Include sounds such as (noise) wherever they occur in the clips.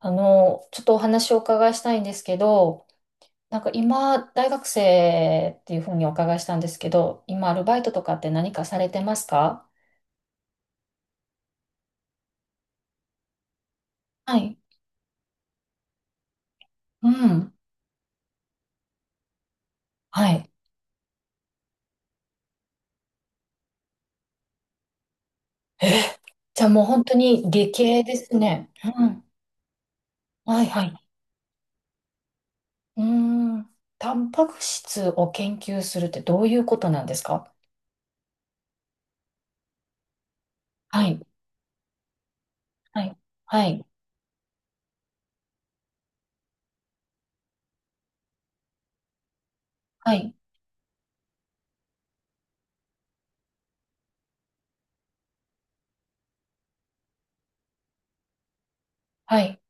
ちょっとお話をお伺いしたいんですけど、なんか今、大学生っていうふうにお伺いしたんですけど、今、アルバイトとかって何かされてますか？はい。うん。はい。じゃあもう本当に理系ですね。うん。はいはい。うーん。タンパク質を研究するってどういうことなんですか？はい。はい。はい。はい。はい。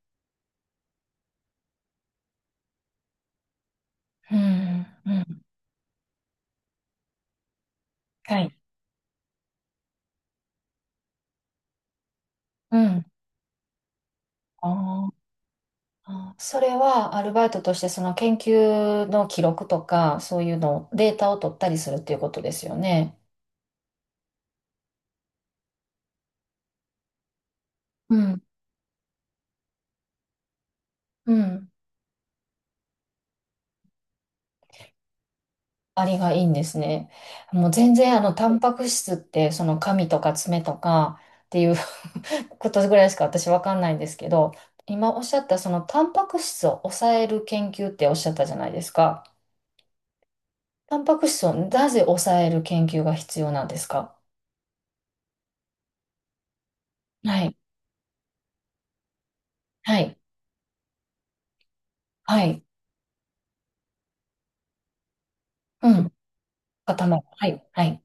うん。うん。はい。うん。ああ、それはアルバイトとしてその研究の記録とか、そういうの、データを取ったりするっていうことですよね。うん。うん。ありがいいんですね。もう全然タンパク質って、その髪とか爪とかっていう (laughs) ことぐらいしか私わかんないんですけど、今おっしゃったそのタンパク質を抑える研究っておっしゃったじゃないですか。タンパク質をなぜ抑える研究が必要なんですか？はい。はい。はい。うん。固まる。はい。はい。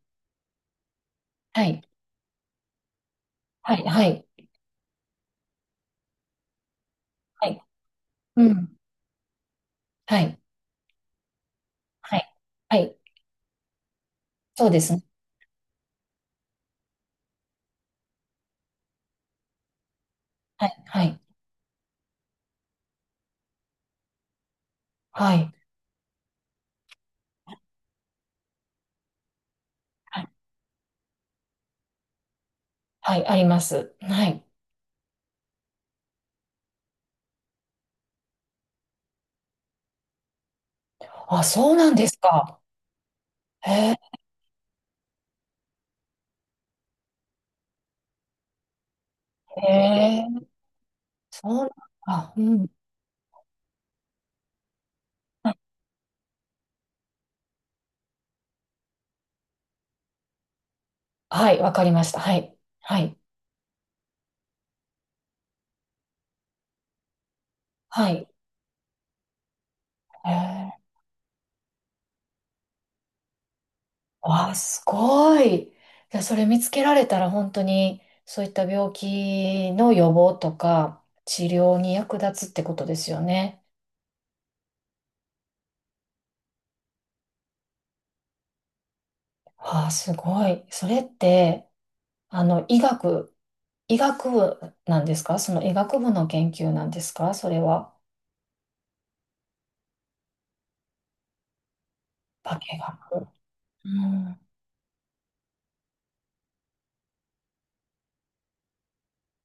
はい。はい、はい、はい。うん。はい、はい、はい。そうですね。はい、はい、はい、はい、はい、あります。はい。あ、そうなんですか。へえ、へえ、そうなんだ。うん。はい、わかりました。はい、はい、はい。へえ、わ、すごい。いや、それ見つけられたら本当にそういった病気の予防とか治療に役立つってことですよね。あ、すごい。それって、あの、医学、医学部なんですか？その医学部の研究なんですかそれは？化学。うん。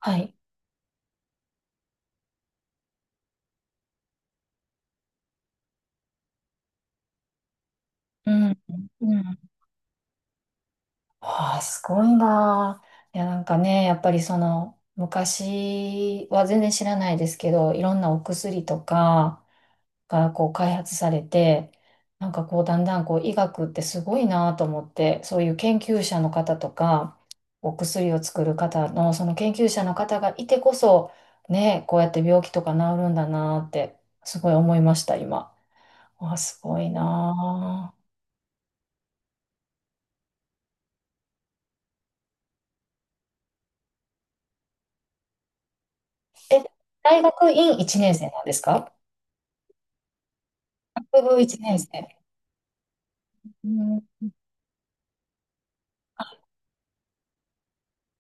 はい。うん。うん。ああ、すごいなあ。いや、なんかね、やっぱりその、昔は全然知らないですけど、いろんなお薬とか、がこう開発されて、なんかこうだんだんこう医学ってすごいなと思って、そういう研究者の方とか、お薬を作る方のその研究者の方がいてこそ、ね、こうやって病気とか治るんだなってすごい思いました、今。あ、すごいなあ。え、大学院1年生なんですか？学部1年生。うん、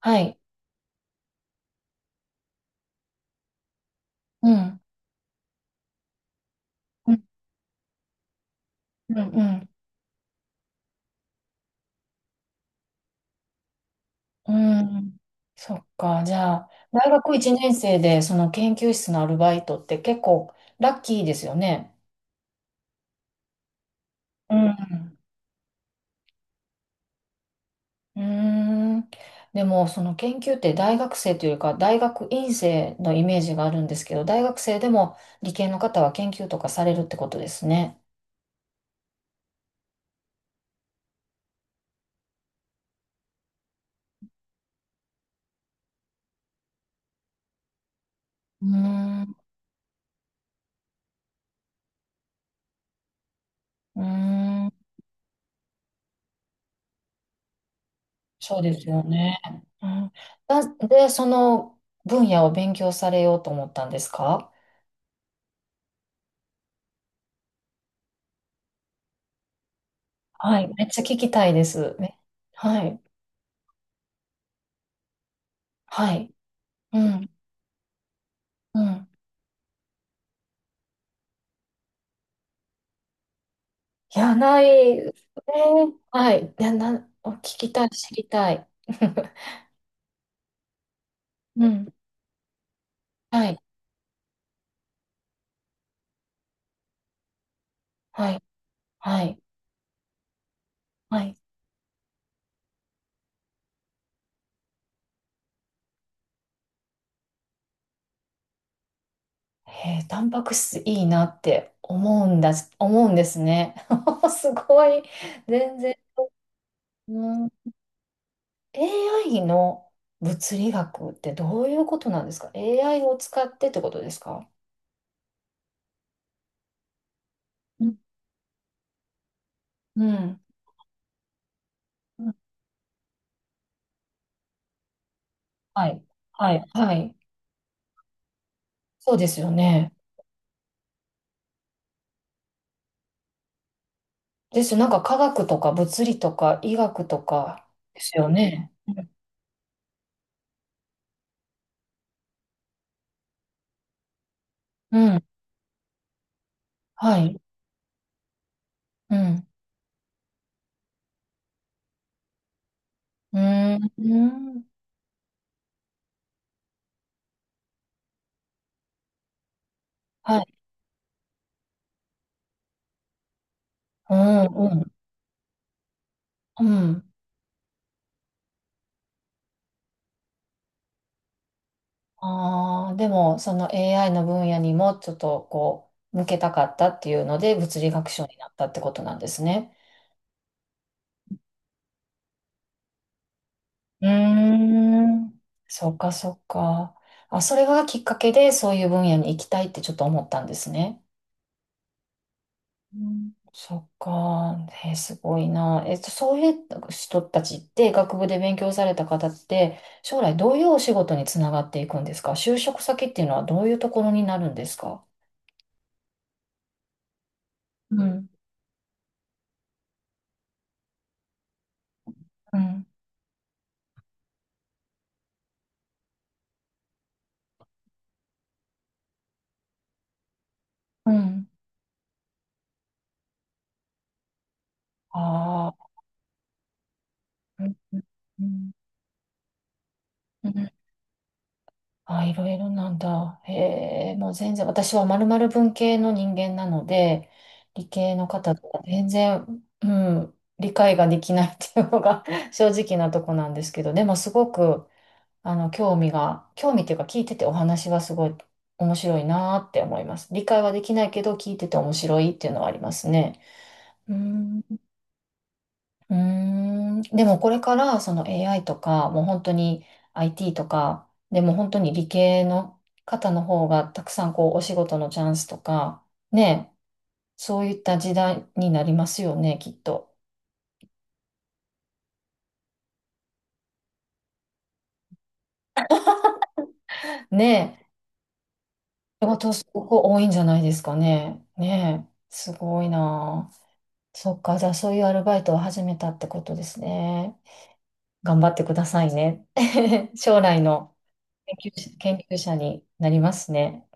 はい。うん。うん、うん、うん。うん。そっか。じゃあ、大学1年生でその研究室のアルバイトって結構ラッキーですよね。うん。うーん。でも、その研究って大学生というよりか、大学院生のイメージがあるんですけど、大学生でも理系の方は研究とかされるってことですね。うーん。うーん。そうですよね。うん。なんで、その分野を勉強されようと思ったんですか？はい。めっちゃ聞きたいです。はい。はい。うん。うん。いや、ない。ね。はい。いや、お聞きたい、知りたい。(laughs) うん。はい。はい。はい。はい。へえ、タンパク質いいなって思うんだ、思うんですね。(laughs) すごい。全然。うん、AI の物理学ってどういうことなんですか ?AI を使ってってことですか？うん。うん。はい。はい。はい。そうですよね。ですよ。なんか科学とか物理とか医学とかですよね。うん。うん、はい。うん。うーん。はい。うん。うん。うん。ああ、でも、その AI の分野にもちょっとこう、向けたかったっていうので、物理学賞になったってことなんですね。うーん。そっか、そっか。あ、それがきっかけで、そういう分野に行きたいってちょっと思ったんですね。うん、そっか。えー、すごいな。そういう人たちって、学部で勉強された方って、将来どういうお仕事につながっていくんですか？就職先っていうのはどういうところになるんですか？うん、うん、うん。ああ、うん、うん、うん、あ、いろいろなんだ。へえ、もう全然、私はまるまる文系の人間なので、理系の方とか全然、うん、理解ができないっていうのが (laughs) 正直なとこなんですけど、でもすごく、興味っていうか聞いててお話はすごい面白いなーって思います。理解はできないけど聞いてて面白いっていうのはありますね。うーん。うーん。でもこれからその AI とか、もう本当に IT とか、でも本当に理系の方の方がたくさんこうお仕事のチャンスとか、ねえ、そういった時代になりますよね、きっと。ねえ、仕事すごく多いんじゃないですかね。ねえ、すごいなー。そっか、じゃあそういうアルバイトを始めたってことですね。頑張ってくださいね。(laughs) 将来の研究者になりますね。